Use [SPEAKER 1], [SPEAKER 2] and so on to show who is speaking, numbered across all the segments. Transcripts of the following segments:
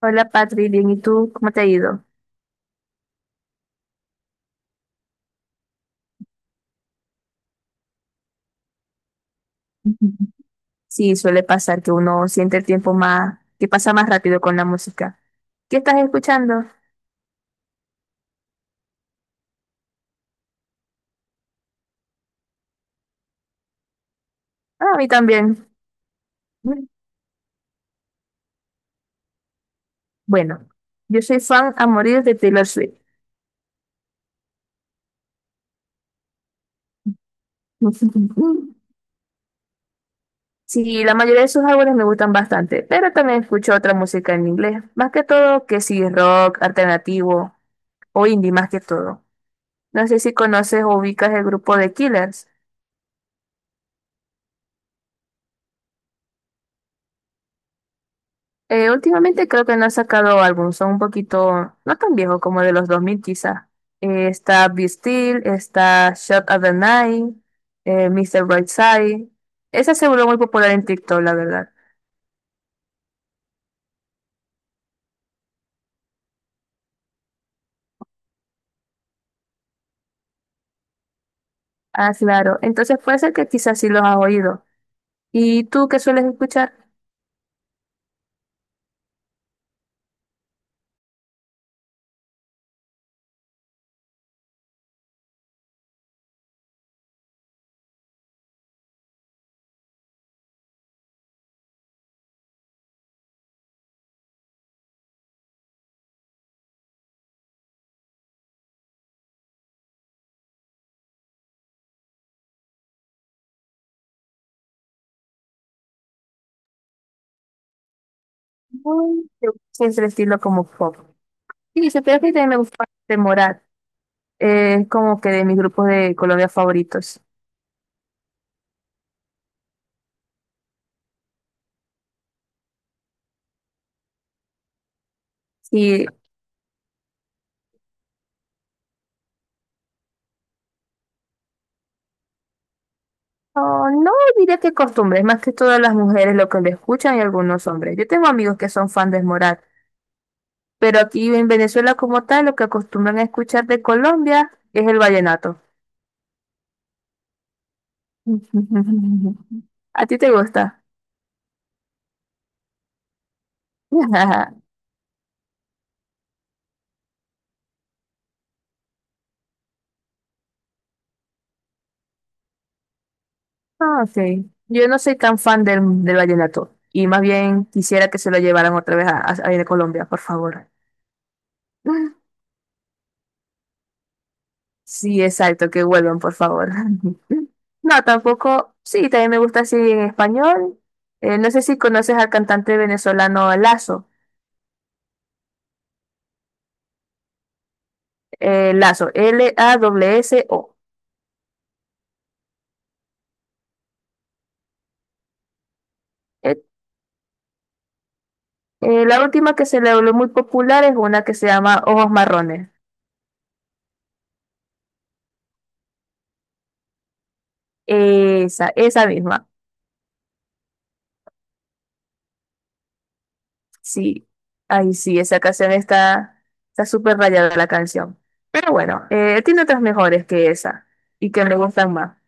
[SPEAKER 1] Hola Patri, bien, ¿y tú cómo te ha ido? Ujú. Sí, suele pasar que uno siente el tiempo más, que pasa más rápido con la música. ¿Qué estás escuchando? Ah, a mí también. Mm. Bueno, yo soy fan a morir de Taylor Swift. Sí, la mayoría de sus álbumes me gustan bastante, pero también escucho otra música en inglés, más que todo que sí, rock, alternativo o indie más que todo. No sé si conoces o ubicas el grupo de Killers. Últimamente creo que no ha sacado álbum, son un poquito, no tan viejos como de los 2000 quizá. Está Be Still, está Shot of the Night, Mr. Brightside. Esa se volvió muy popular en TikTok, la verdad. Ah, claro. Entonces puede ser que quizás sí los has oído. ¿Y tú qué sueles escuchar? Muy de- siempre estilo como pop. Sí, se que también me gusta Morat. Es como que de mis grupos de Colombia favoritos. Sí, oh, no diría que costumbres, más que todas las mujeres lo que le escuchan y algunos hombres. Yo tengo amigos que son fan de Morat, pero aquí en Venezuela como tal lo que acostumbran a escuchar de Colombia es el vallenato. ¿A ti te gusta? Ah, sí. Yo no soy tan fan del vallenato y más bien quisiera que se lo llevaran otra vez a Colombia, por favor. Sí, exacto, que vuelvan, por favor. No, tampoco, sí, también me gusta así en español. No sé si conoces al cantante venezolano Lazo. Lazo, l a w s o. Eh, la última que se le volvió muy popular es una que se llama Ojos Marrones. Esa misma. Sí, ahí sí, esa canción está, está súper rayada la canción. Pero bueno, tiene otras mejores que esa y que me gustan más.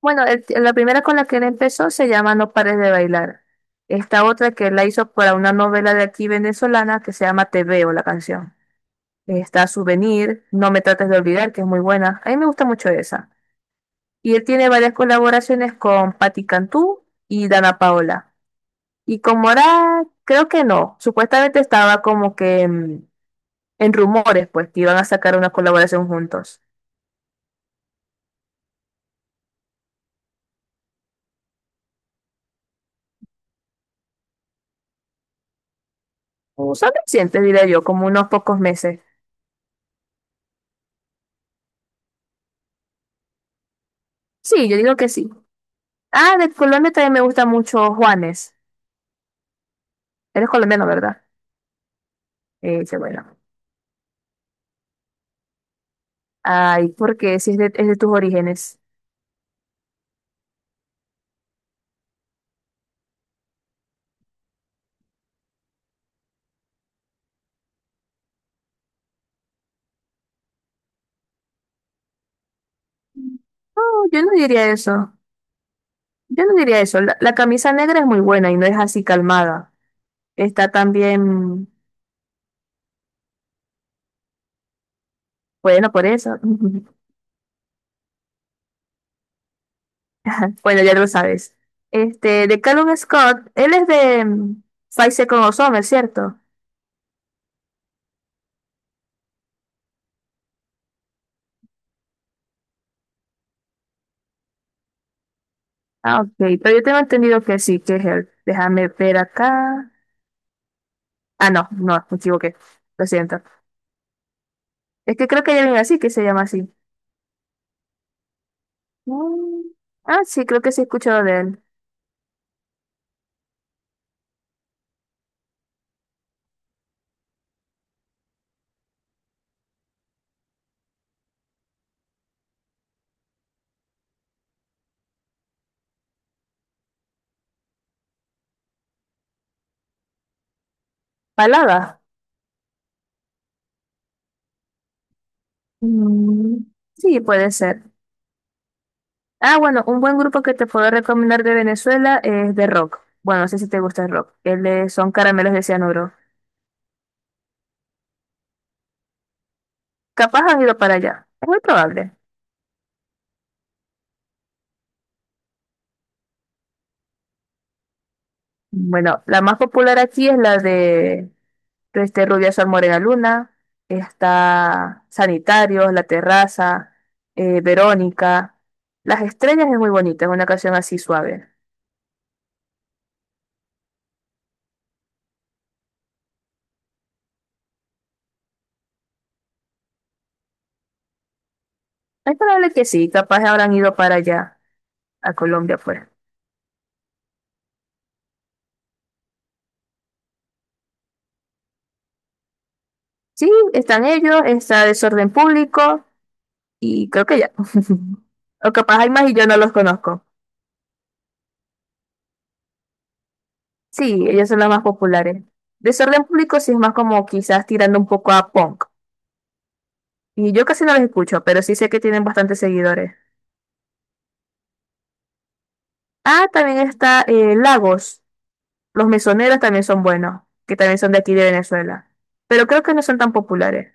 [SPEAKER 1] Bueno, el- la primera con la que él empezó se llama No pares de bailar. Esta otra que él la hizo para una novela de aquí venezolana que se llama Te veo, la canción. Está Souvenir, No me trates de olvidar, que es muy buena. A mí me gusta mucho esa. Y él tiene varias colaboraciones con Patti Cantú y Dana Paola. Y con Morat, creo que no. Supuestamente estaba como que en rumores, pues, que iban a sacar una colaboración juntos. O son recientes, diría yo, como unos pocos meses. Sí, yo digo que sí. Ah, de Colombia también me gusta mucho Juanes. Eres colombiano, ¿verdad? Dice, bueno. Ay, porque si es de, es de tus orígenes. No, yo no diría eso. Yo no diría eso. La camisa negra es muy buena y no es así calmada. Está también, bueno, por eso. Bueno, ya lo sabes. Este, de Callum Scott, él es de Five Seconds of Summer, ¿cierto? Ah, ok. Pero yo tengo entendido que sí, que es él. Déjame ver acá. Ah, no, no, me equivoqué. Lo siento. Es que creo que hay alguien así que se llama así. Mm, Ah, sí, creo que sí he escuchado de él. Palada. Mm, Sí, puede ser. Ah, bueno, un buen grupo que te puedo recomendar de Venezuela es de rock. Bueno, no sé si te gusta el rock. El de Son Caramelos de Cianuro. Capaz han ido para allá. Es muy probable. Bueno, la más popular aquí es la de este Rubia Sol Morena Luna. Está Sanitarios, La Terraza, Verónica. Las Estrellas es muy bonita, es una canción así suave. Es probable que sí, capaz habrán ido para allá, a Colombia afuera. Sí, están ellos, está desorden público y creo que ya. O capaz hay más y yo no los conozco. Sí, ellos son los más populares. Desorden público sí es más como quizás tirando un poco a punk. Y yo casi no los escucho, pero sí sé que tienen bastantes seguidores. Ah, también está Lagos. Los mesoneros también son buenos, que también son de aquí de Venezuela. Pero creo que no son tan populares.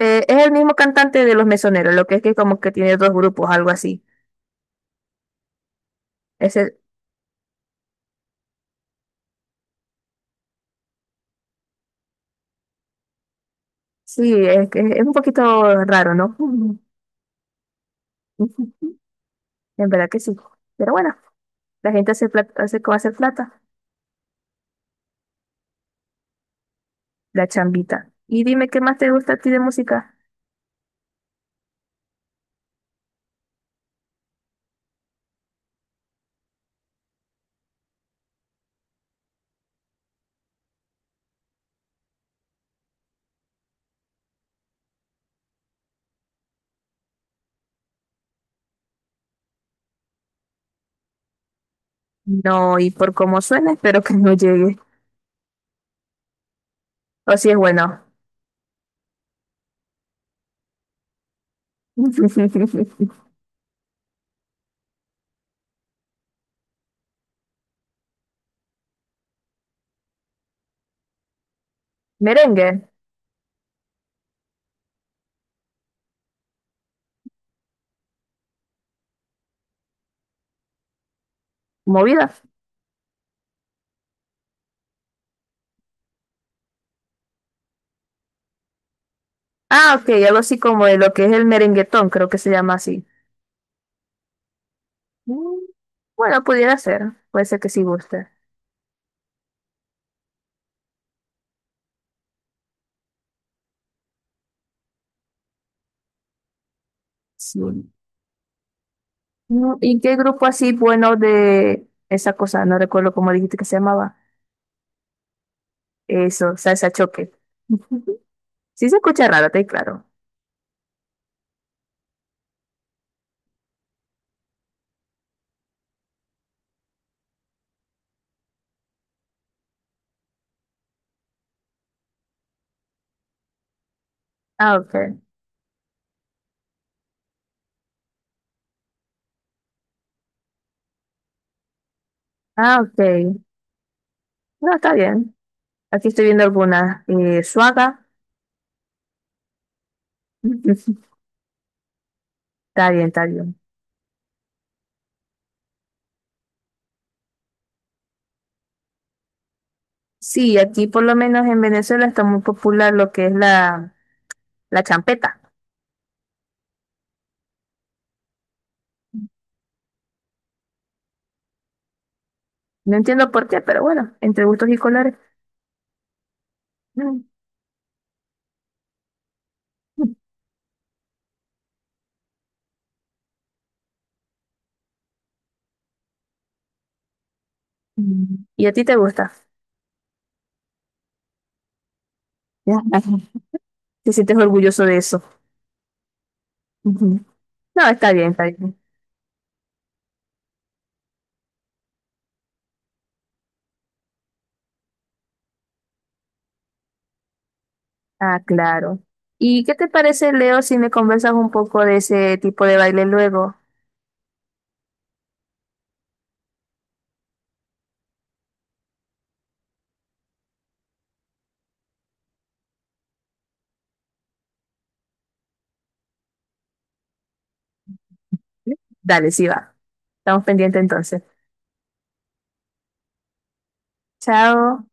[SPEAKER 1] Es el mismo cantante de Los Mesoneros, lo que es que como que tiene dos grupos, algo así. Ese sí, es que es un poquito raro, ¿no? En verdad que sí. Pero bueno, la gente hace plata, hace cómo hacer plata, la chambita. Y dime qué más te gusta a ti de música. No, y por cómo suena, espero que no llegue. O si es bueno. Merengue, movida. Ah, ok, algo así como de lo que es el merenguetón, creo que se llama así. Mm, Bueno, pudiera ser, puede ser que sí guste. Sí. No, ¿y qué grupo así bueno de esa cosa? No recuerdo cómo dijiste que se llamaba. Eso, salsa choque. Sí se escucha raro, te claro. Ah, ok. Ah, ok. No, está bien. Aquí estoy viendo algunas. Suaga. Está bien, está bien. Sí, aquí por lo menos en Venezuela está muy popular lo que es la, la champeta. No entiendo por qué, pero bueno, entre gustos y colores. Mm. ¿Y a ti te gusta? Ya. ¿Te sientes orgulloso de eso? No, está bien, está bien. Ah, claro. ¿Y qué te parece, Leo, si me conversas un poco de ese tipo de baile luego? Dale, sí va. Estamos pendientes entonces. Chao.